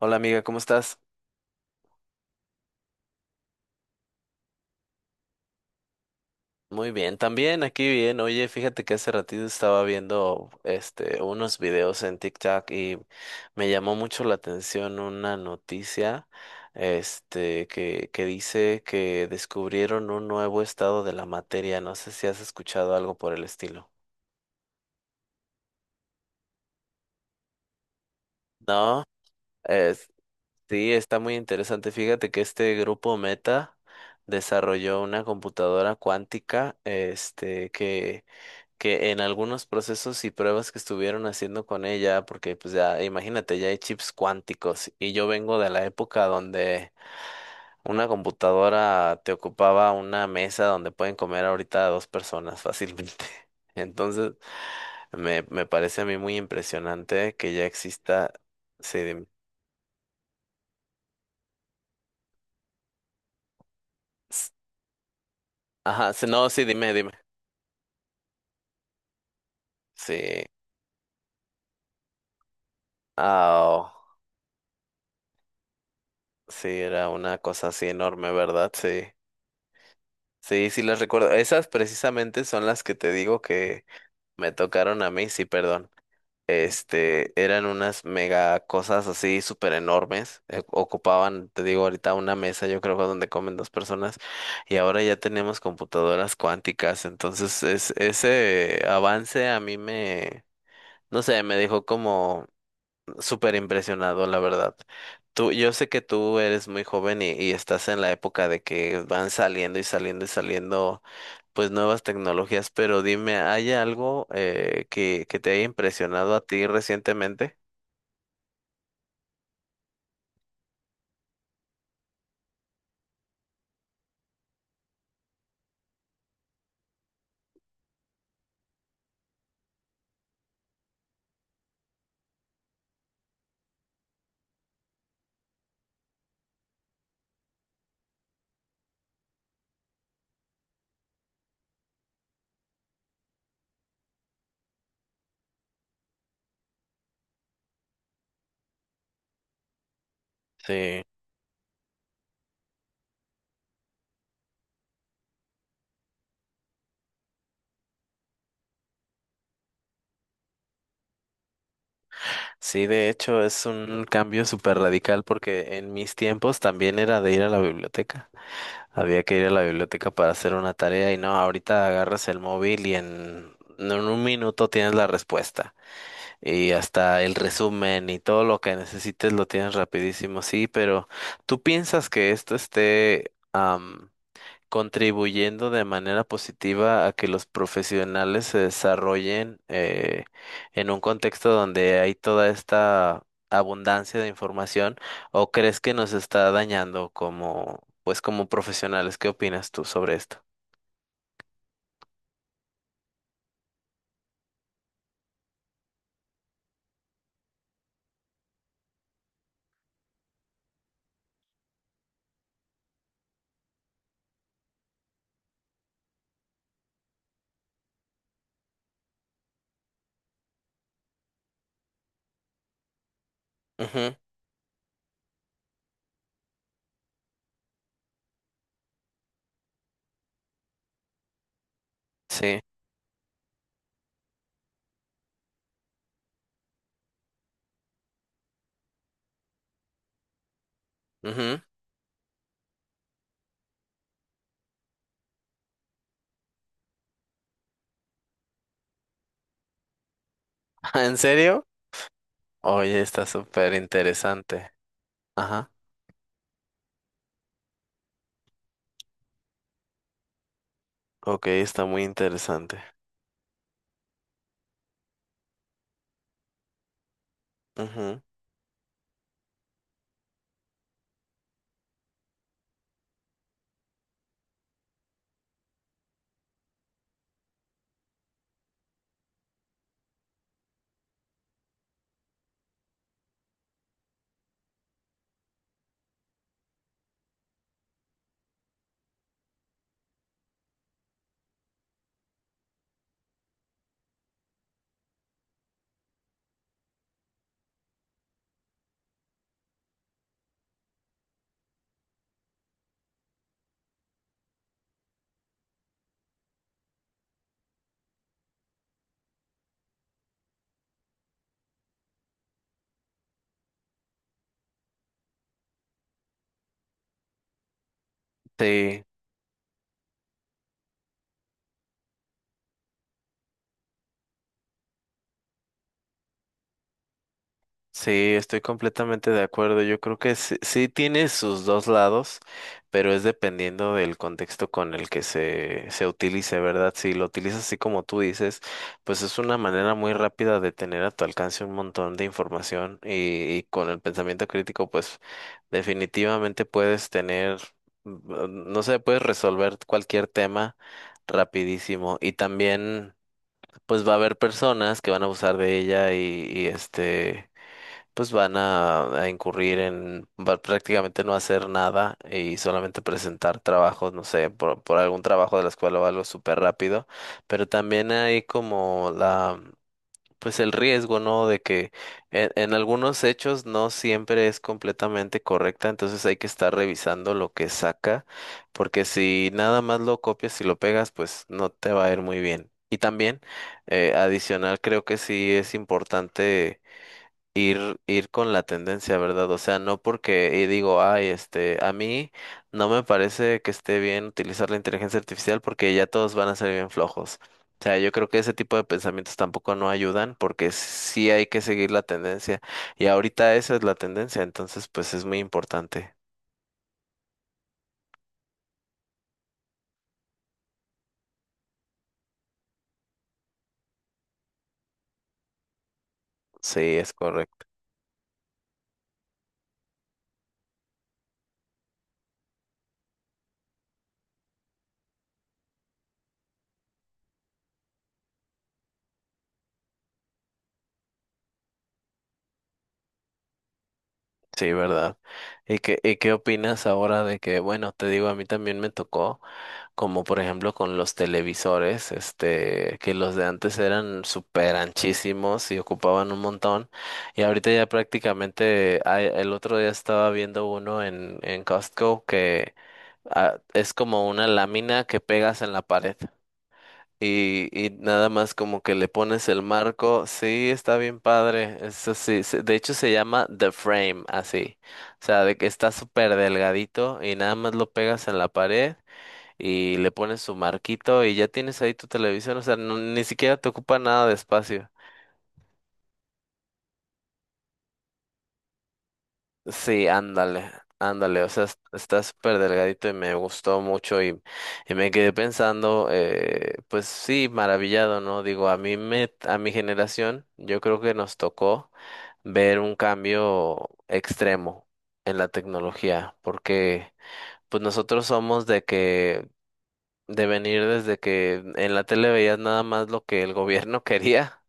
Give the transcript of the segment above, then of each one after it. Hola amiga, ¿cómo estás? Muy bien, también aquí bien. Oye, fíjate que hace ratito estaba viendo unos videos en TikTok y me llamó mucho la atención una noticia que dice que descubrieron un nuevo estado de la materia. No sé si has escuchado algo por el estilo. No, es, sí, está muy interesante. Fíjate que este grupo Meta desarrolló una computadora cuántica, que en algunos procesos y pruebas que estuvieron haciendo con ella, porque pues ya, imagínate, ya hay chips cuánticos y yo vengo de la época donde una computadora te ocupaba una mesa donde pueden comer ahorita dos personas fácilmente. Entonces, me parece a mí muy impresionante que ya exista. Sí, dime. S- Ajá, sí, no, sí, dime. Sí. Ah, oh, sí, era una cosa así enorme, ¿verdad? Sí. Sí, sí las recuerdo. Esas precisamente son las que te digo que me tocaron a mí, sí, perdón. Este, eran unas mega cosas así súper enormes. Ocupaban, te digo, ahorita una mesa, yo creo, donde comen dos personas. Y ahora ya tenemos computadoras cuánticas. Entonces, es, ese avance a mí me, no sé, me dejó como súper impresionado, la verdad. Tú, yo sé que tú eres muy joven y estás en la época de que van saliendo y saliendo y saliendo pues nuevas tecnologías, pero dime, ¿hay algo que te haya impresionado a ti recientemente? Sí, sí, de hecho es un cambio súper radical porque en mis tiempos también era de ir a la biblioteca. Había que ir a la biblioteca para hacer una tarea y no, ahorita agarras el móvil y en un minuto tienes la respuesta y hasta el resumen y todo lo que necesites lo tienes rapidísimo. Sí, pero ¿tú piensas que esto esté contribuyendo de manera positiva a que los profesionales se desarrollen en un contexto donde hay toda esta abundancia de información o crees que nos está dañando como pues como profesionales? ¿Qué opinas tú sobre esto? Ujú, sí. Ujú. ¿En serio? Oye, está súper interesante. Ajá. Ok, está muy interesante. Ujú. Sí. Sí, estoy completamente de acuerdo. Yo creo que sí, sí tiene sus dos lados, pero es dependiendo del contexto con el que se utilice, ¿verdad? Si lo utilizas así como tú dices, pues es una manera muy rápida de tener a tu alcance un montón de información y con el pensamiento crítico, pues definitivamente puedes tener, mm, no sé, puedes resolver cualquier tema rapidísimo y también... Pues va a haber personas que van a abusar de ella y este pues van a incurrir en va- prácticamente no hacer nada y solamente presentar trabajos, no sé, por algún trabajo de la escuela o algo súper rápido, pero también hay como la, pues el riesgo, ¿no? De que en algunos hechos no siempre es completamente correcta, entonces hay que estar revisando lo que saca, porque si nada más lo copias y lo pegas, pues no te va a ir muy bien. Y también, adicional, creo que sí es importante ir con la tendencia, ¿verdad? O sea, no porque y digo, ay, este, a mí no me parece que esté bien utilizar la inteligencia artificial porque ya todos van a ser bien flojos. O sea, yo creo que ese tipo de pensamientos tampoco no ayudan porque sí hay que seguir la tendencia. Y ahorita esa es la tendencia, entonces pues es muy importante. Sí, es correcto. Sí, ¿verdad? Y qué opinas ahora de que, bueno, te digo, a mí también me tocó, como por ejemplo con los televisores, este, que los de antes eran súper anchísimos y ocupaban un montón, y ahorita ya prácticamente, hay- el otro día estaba viendo uno en Costco que ah, es como una lámina que pegas en la pared. Y nada más como que le pones el marco, sí, está bien padre, eso sí, se- de hecho se llama The Frame, así, o sea, de que está súper delgadito y nada más lo pegas en la pared y le pones su marquito y ya tienes ahí tu televisión, o sea, no- ni siquiera te ocupa nada de espacio. Sí, ándale, ándale, o sea, es- está súper delgadito y me gustó mucho y me quedé pensando, pues sí, maravillado, ¿no? Digo, a mí me, a mi generación, yo creo que nos tocó ver un cambio extremo en la tecnología, porque pues nosotros somos de que, de venir desde que en la tele veías nada más lo que el gobierno quería.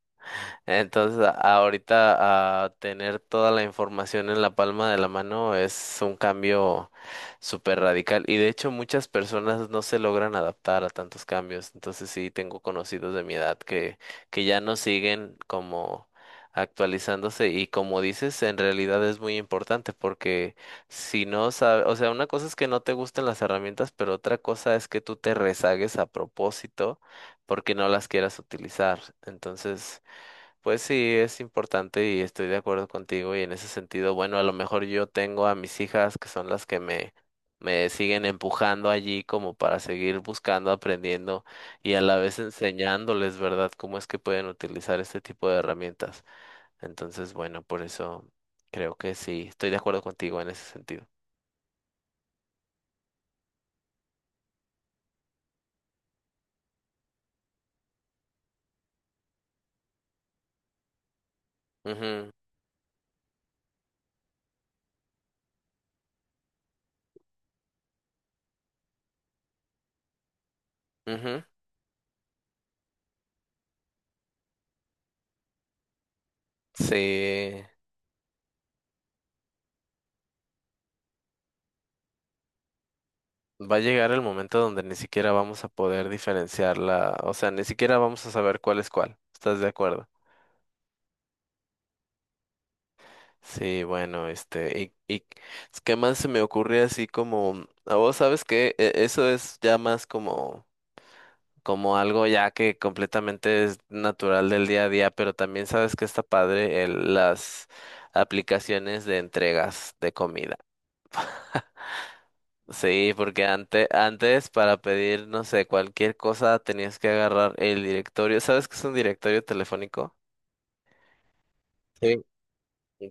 Entonces, a- ahorita a tener toda la información en la palma de la mano es un cambio súper radical y de hecho muchas personas no se logran adaptar a tantos cambios. Entonces, sí, tengo conocidos de mi edad que ya no siguen como actualizándose y como dices, en realidad es muy importante porque si no sabes, o sea, una cosa es que no te gusten las herramientas, pero otra cosa es que tú te rezagues a propósito porque no las quieras utilizar. Entonces... Pues sí, es importante y estoy de acuerdo contigo y en ese sentido, bueno, a lo mejor yo tengo a mis hijas que son las que me siguen empujando allí como para seguir buscando, aprendiendo y a la vez enseñándoles, ¿verdad?, cómo es que pueden utilizar este tipo de herramientas. Entonces, bueno, por eso creo que sí, estoy de acuerdo contigo en ese sentido. Ujú, ujú. Sí, va a llegar el momento donde ni siquiera vamos a poder diferenciarla, o sea, ni siquiera vamos a saber cuál es cuál. ¿Estás de acuerdo? Sí, bueno, este, y ¿qué más se me ocurre así como, mm, a vos sabes que eso es ya más como, como algo ya que completamente es natural del día a día, pero también sabes que está padre el, las aplicaciones de entregas de comida. Sí, porque antes, antes para pedir, no sé, cualquier cosa tenías que agarrar el directorio. ¿Sabes qué es un directorio telefónico? Sí.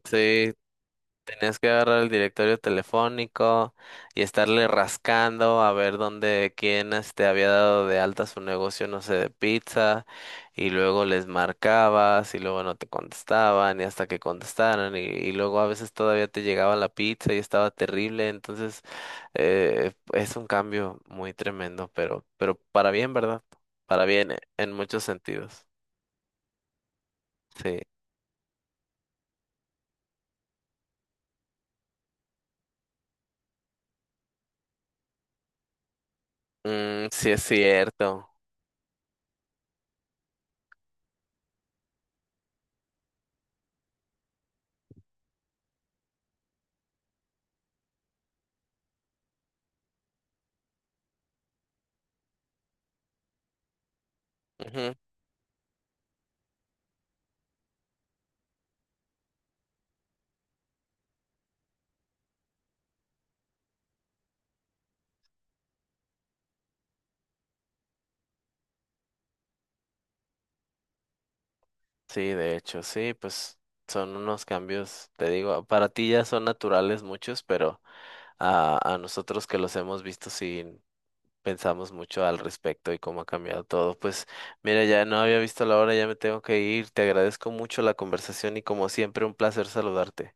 Sí, tienes que agarrar el directorio telefónico y estarle rascando a ver dónde, quién este había dado de alta su negocio, no sé, de pizza, y luego les marcabas y luego no te contestaban y hasta que contestaran y luego a veces todavía te llegaba la pizza y estaba terrible, entonces es un cambio muy tremendo, pero para bien, ¿verdad? Para bien en muchos sentidos. Sí, mm, sí es cierto. Sí, de hecho, sí, pues son unos cambios, te digo, para ti ya son naturales muchos, pero a nosotros que los hemos visto sí pensamos mucho al respecto y cómo ha cambiado todo. Pues mira, ya no había visto la hora, ya me tengo que ir. Te agradezco mucho la conversación y como siempre un placer saludarte.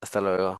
Hasta luego.